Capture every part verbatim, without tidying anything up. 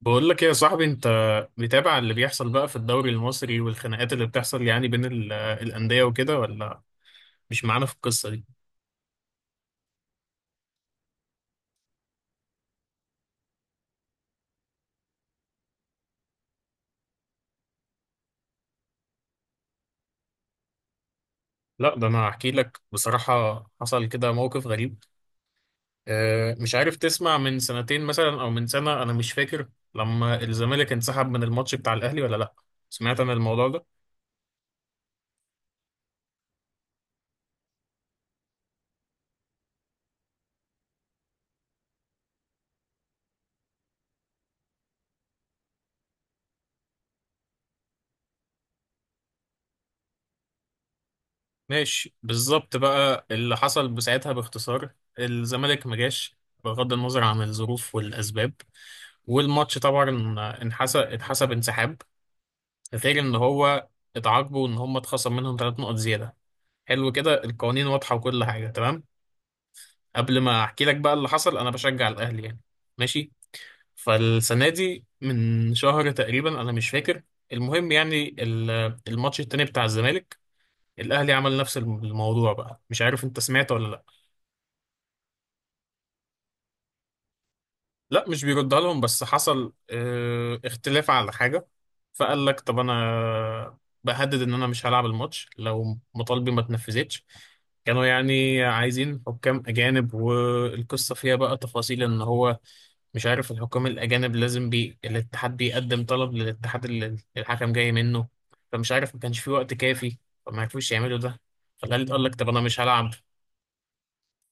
بقول لك ايه يا صاحبي؟ انت متابع اللي بيحصل بقى في الدوري المصري والخناقات اللي بتحصل يعني بين ال- آه، الانديه وكده، ولا مش معانا في القصه دي؟ لا، ده انا هحكي لك بصراحه. حصل كده موقف غريب. آه، مش عارف تسمع، من سنتين مثلا او من سنه انا مش فاكر، لما الزمالك انسحب من الماتش بتاع الاهلي ولا لا؟ سمعت عن الموضوع ده؟ ماشي، بالظبط بقى اللي حصل بساعتها باختصار. الزمالك ما جاش، بغض النظر عن الظروف والاسباب، والماتش طبعا انحسب اتحسب انسحاب، غير ان هو اتعاقبوا ان هم اتخصم منهم ثلاث نقط زياده. حلو، كده القوانين واضحه وكل حاجه تمام. قبل ما احكي لك بقى اللي حصل، انا بشجع الاهلي يعني، ماشي. فالسنه دي، من شهر تقريبا انا مش فاكر، المهم يعني ال- الماتش التاني بتاع الزمالك، الاهلي عمل نفس الم- الموضوع بقى، مش عارف انت سمعت ولا لا؟ لا، مش بيردها لهم، بس حصل آه، اختلاف على حاجة. فقال لك طب انا بهدد ان انا مش هلعب الماتش لو مطالبي ما اتنفذتش. كانوا يعني عايزين حكام اجانب، والقصة فيها بقى تفاصيل ان هو، مش عارف الحكام الاجانب لازم بي... الاتحاد بيقدم طلب للاتحاد اللي الحكم جاي منه، فمش عارف ما كانش في وقت كافي، فما عرفوش يعملوا ده. فالأهلي قال لك طب انا مش هلعب،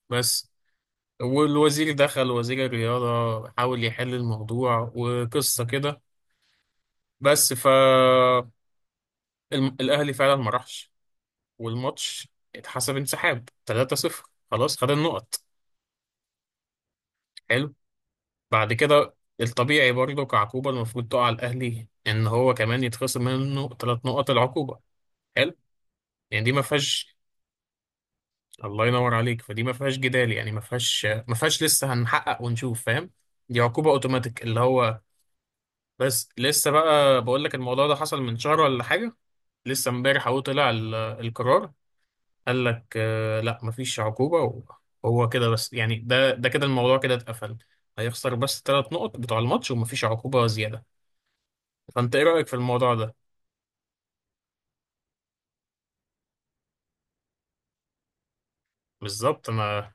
بس. والوزير دخل، وزير الرياضة، حاول يحل الموضوع وقصة كده، بس ف الم- الأهلي فعلا ما راحش، والماتش اتحسب انسحاب ثلاثة صفر. خلاص، خد النقط، حلو. بعد كده، الطبيعي برضه كعقوبة المفروض تقع على الأهلي، إن هو كمان يتخصم منه ثلاث نقط العقوبة. حلو، يعني دي ما فيهاش، الله ينور عليك، فدي ما فيهاش جدال يعني، ما فيهاش ما فيهاش لسه هنحقق ونشوف، فاهم؟ دي عقوبة أوتوماتيك اللي هو. بس لسه بقى، بقول لك الموضوع ده حصل من شهر ولا حاجة، لسه امبارح اهو طلع ال- القرار. قال لك آه، لا، مفيش عقوبة. وهو كده بس يعني، ده ده كده الموضوع كده اتقفل. هيخسر بس ثلاث نقط بتوع الماتش ومفيش عقوبة زيادة. فانت ايه رأيك في الموضوع ده؟ بالظبط انا،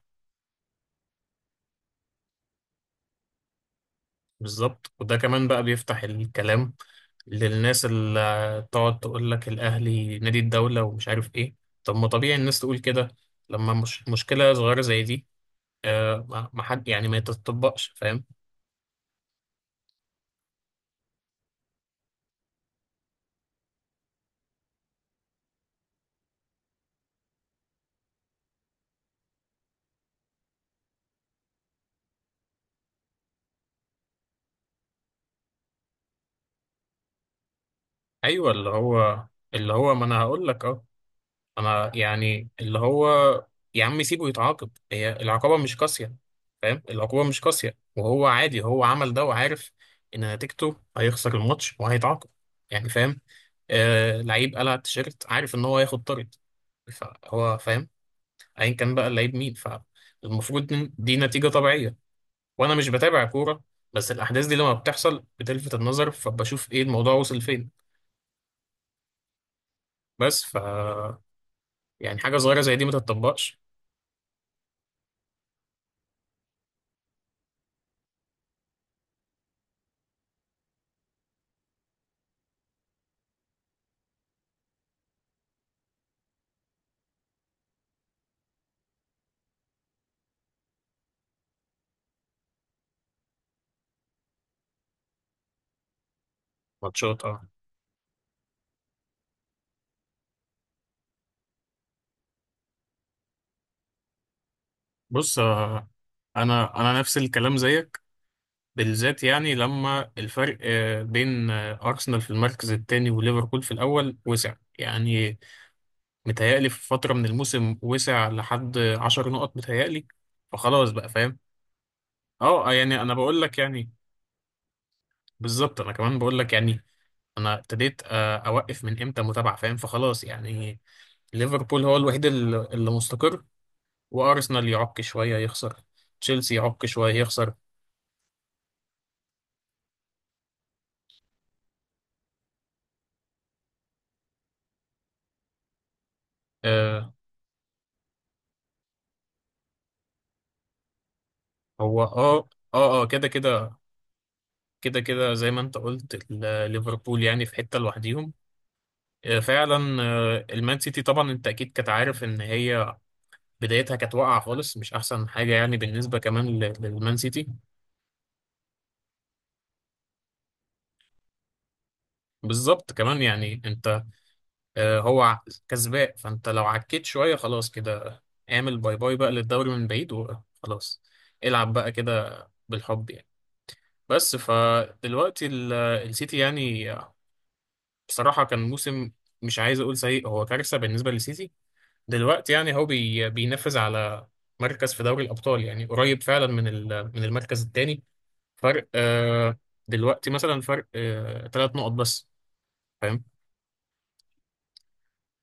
بالظبط. وده كمان بقى بيفتح الكلام للناس اللي تقعد تقول لك الأهلي نادي الدولة ومش عارف إيه. طب ما طبيعي الناس تقول كده، لما مش مشكلة صغيرة زي دي. آه، ما ما حد يعني ما تتطبقش، فاهم. ايوه، اللي هو، اللي هو ما انا هقول لك اه. انا يعني اللي هو، يا عم سيبه يتعاقب، هي العقابه مش قاسيه، فاهم؟ العقوبه مش قاسيه، وهو عادي هو عمل ده وعارف ان نتيجته هيخسر الماتش وهيتعاقب، يعني فاهم. آه، لعيب قلع التيشيرت عارف ان هو هياخد طرد، فهو فاهم. ايا كان بقى اللعيب مين، فالمفروض إن دي نتيجه طبيعيه. وانا مش بتابع كوره، بس الاحداث دي لما بتحصل بتلفت النظر، فبشوف ايه الموضوع وصل فين. بس ف يعني حاجه صغيره زي دي ما تتطبقش. ماتشات، اه. بص، آه، انا انا نفس الكلام زيك. بالذات يعني لما الفرق آه، بين آه، ارسنال في المركز الثاني وليفربول في الاول وسع يعني، متهيألي في فتره من الموسم وسع لحد عشر نقط متهيألي، فخلاص بقى فاهم. اه، يعني انا بقول لك يعني، بالظبط انا كمان بقول لك يعني، انا ابتديت آه، اوقف من امتى متابعه، فاهم؟ فخلاص يعني، ليفربول هو الوحيد ال- اللي مستقر. وارسنال يعك شويه يخسر، تشيلسي يعك شويه يخسر. آه، هو اه. اه اه، كده كده، كده كده زي ما انت قلت ال- ليفربول يعني في حته لوحديهم. آه فعلا، آه المان سيتي طبعا انت اكيد كنت عارف ان هي بدايتها كانت واقعه خالص، مش احسن حاجه يعني بالنسبه كمان لل- للمان سيتي. بالظبط كمان يعني. انت آه، هو كسبان، فانت لو عكيت شوية خلاص كده، اعمل باي باي بقى للدوري من بعيد وخلاص. العب بقى كده بالحب يعني. بس فدلوقتي ال- السيتي يعني بصراحة كان موسم، مش عايز اقول سيء، هو كارثة بالنسبة للسيتي. دلوقتي يعني هو بي بينفذ على مركز في دوري الأبطال، يعني قريب فعلا من ال- من المركز الثاني. فرق آه، دلوقتي مثلا، فرق ثلاث نقط بس، فاهم.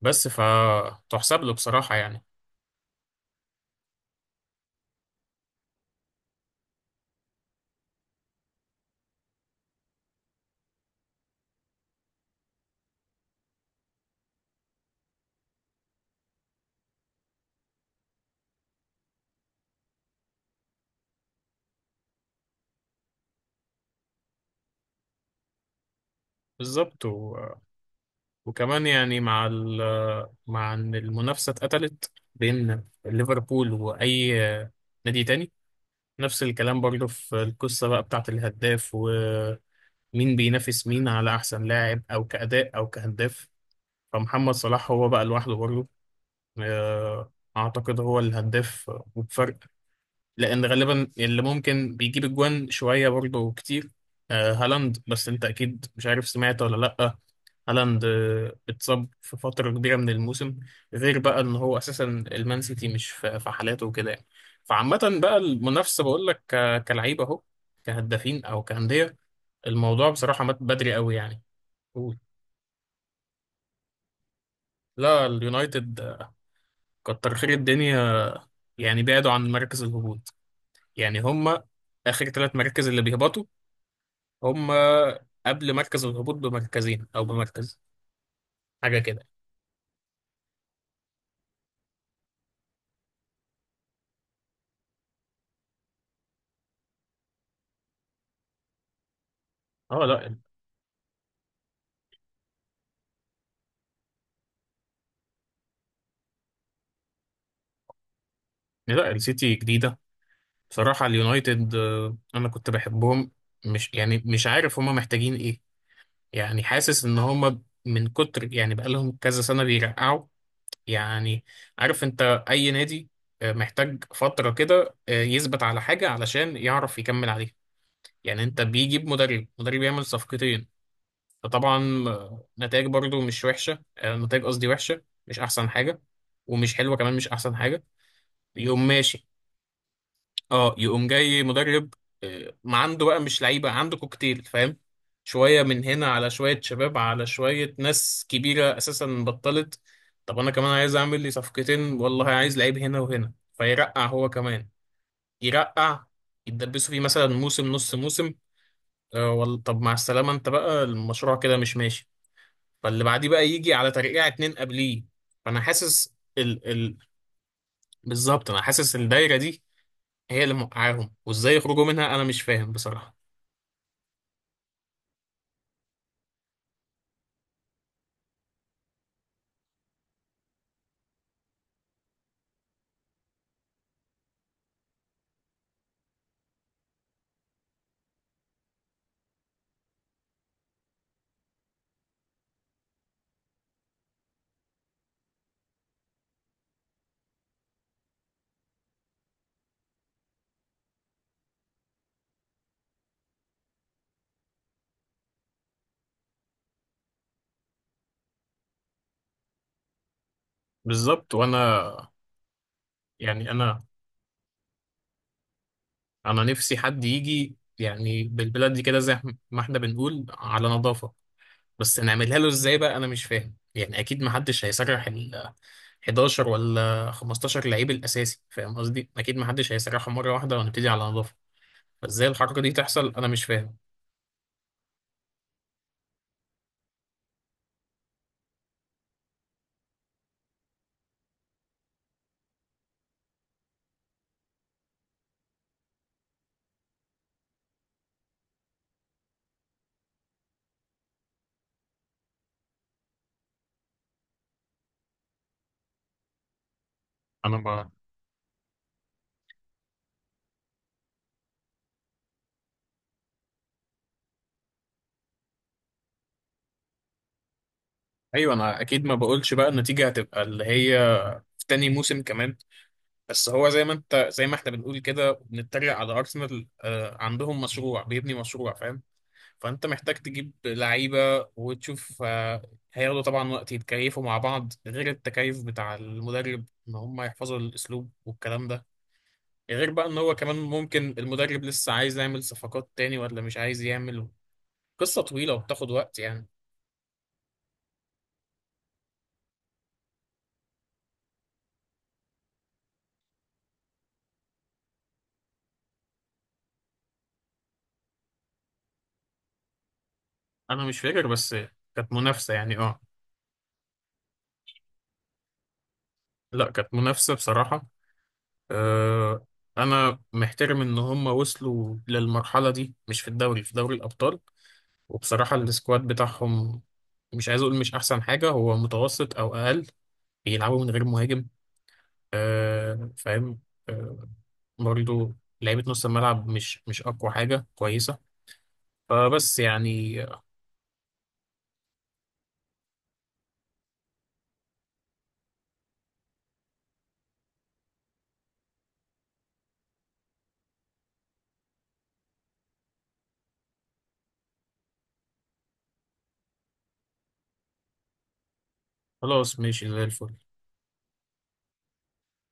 بس فتحسب له بصراحة يعني. بالظبط. وكمان يعني مع ال، مع ان المنافسه اتقتلت بين ليفربول واي نادي تاني. نفس الكلام برضه في القصه بقى بتاعه الهداف ومين بينافس مين على احسن لاعب، او كاداء او كهداف. فمحمد صلاح هو بقى لوحده برضه، آه، اعتقد هو الهداف وبفرق، لان غالبا اللي ممكن بيجيب اجوان شويه برضه كتير آه، هالاند، بس انت اكيد مش عارف سمعت ولا لا؟ هالاند آه، اتصاب في فترة كبيرة من الموسم، غير بقى ان هو اساسا المان سيتي مش في في حالاته وكده يعني. فعامة بقى المنافسة بقول لك ك- كلعيبة اهو، كهدافين او كأندية، الموضوع بصراحة مات بدري قوي يعني. قول. لا، اليونايتد آه، كتر خير الدنيا، يعني بعدوا عن مركز الهبوط. يعني هما اخر ثلاث مراكز اللي بيهبطوا، هما قبل مركز الهبوط بمركزين او بمركز، حاجة كده. اه، لا لا السيتي جديدة. بصراحة اليونايتد آه، أنا كنت بحبهم، مش يعني مش عارف هما محتاجين إيه. يعني حاسس إن هما من كتر يعني بقالهم كذا سنة بيرقعوا يعني. عارف أنت، أي نادي آه، محتاج فترة كده آه، يثبت على حاجة علشان يعرف يكمل عليها. يعني أنت بيجيب مدرب، مدرب يعمل صفقتين، فطبعا آه، نتائج برضو مش وحشة، آه، نتائج قصدي وحشة مش أحسن حاجة، ومش حلوة كمان مش أحسن حاجة. يقوم ماشي، اه يقوم جاي مدرب آه، ما عنده بقى مش لعيبه، عنده كوكتيل فاهم، شويه من هنا على شويه شباب على شويه ناس كبيره اساسا بطلت. طب انا كمان عايز اعمل لي صفقتين، والله عايز لعيب هنا وهنا، فيرقع هو كمان يرقع، يتدبسوا فيه مثلا موسم نص موسم. آه وال- طب مع السلامه انت بقى المشروع كده مش ماشي. فاللي بعديه بقى يجي على ترقيع اتنين قبليه، فانا حاسس ال ال، بالظبط انا حاسس الدايره دي هي اللي موقعاهم، وازاي يخرجوا منها انا مش فاهم بصراحة. بالظبط. وانا يعني انا انا نفسي حد يجي يعني بالبلاد دي، كده زي ما احنا بنقول على نظافة، بس نعملها له ازاي بقى انا مش فاهم، يعني اكيد ما حدش هيسرح ال حداشر ولا خمستاشر لعيب الاساسي، فاهم قصدي، اكيد ما حدش هيسرحهم مرة واحدة ونبتدي على نظافة، فازاي الحركة دي تحصل انا مش فاهم. انا ما ايوه، انا اكيد ما بقولش بقى النتيجة هتبقى اللي هي، في تاني موسم كمان. بس هو زي ما انت، زي ما احنا بنقول كده بنتريق على ارسنال، آه، عندهم مشروع، بيبني مشروع فاهم. فانت محتاج تجيب لعيبه وتشوف، آه، هياخدوا طبعا وقت يتكيفوا مع بعض، غير التكيف بتاع المدرب ان هم يحفظوا الاسلوب والكلام ده. غير بقى ان هو كمان ممكن المدرب لسه عايز يعمل صفقات تاني ولا مش عايز يعمل، قصه طويله وبتاخد وقت يعني. انا مش فاكر، بس كانت منافسه يعني اه. لا كانت منافسه بصراحه. أه، انا محترم ان هم وصلوا للمرحله دي، مش في الدوري في دوري الابطال. وبصراحة السكواد بتاعهم مش عايز أقول مش أحسن حاجة، هو متوسط أو أقل. بيلعبوا من غير مهاجم، آه فاهم. آه برضو لعيبة نص الملعب مش مش أقوى حاجة كويسة، فبس يعني. خلاص ماشي زي الفل.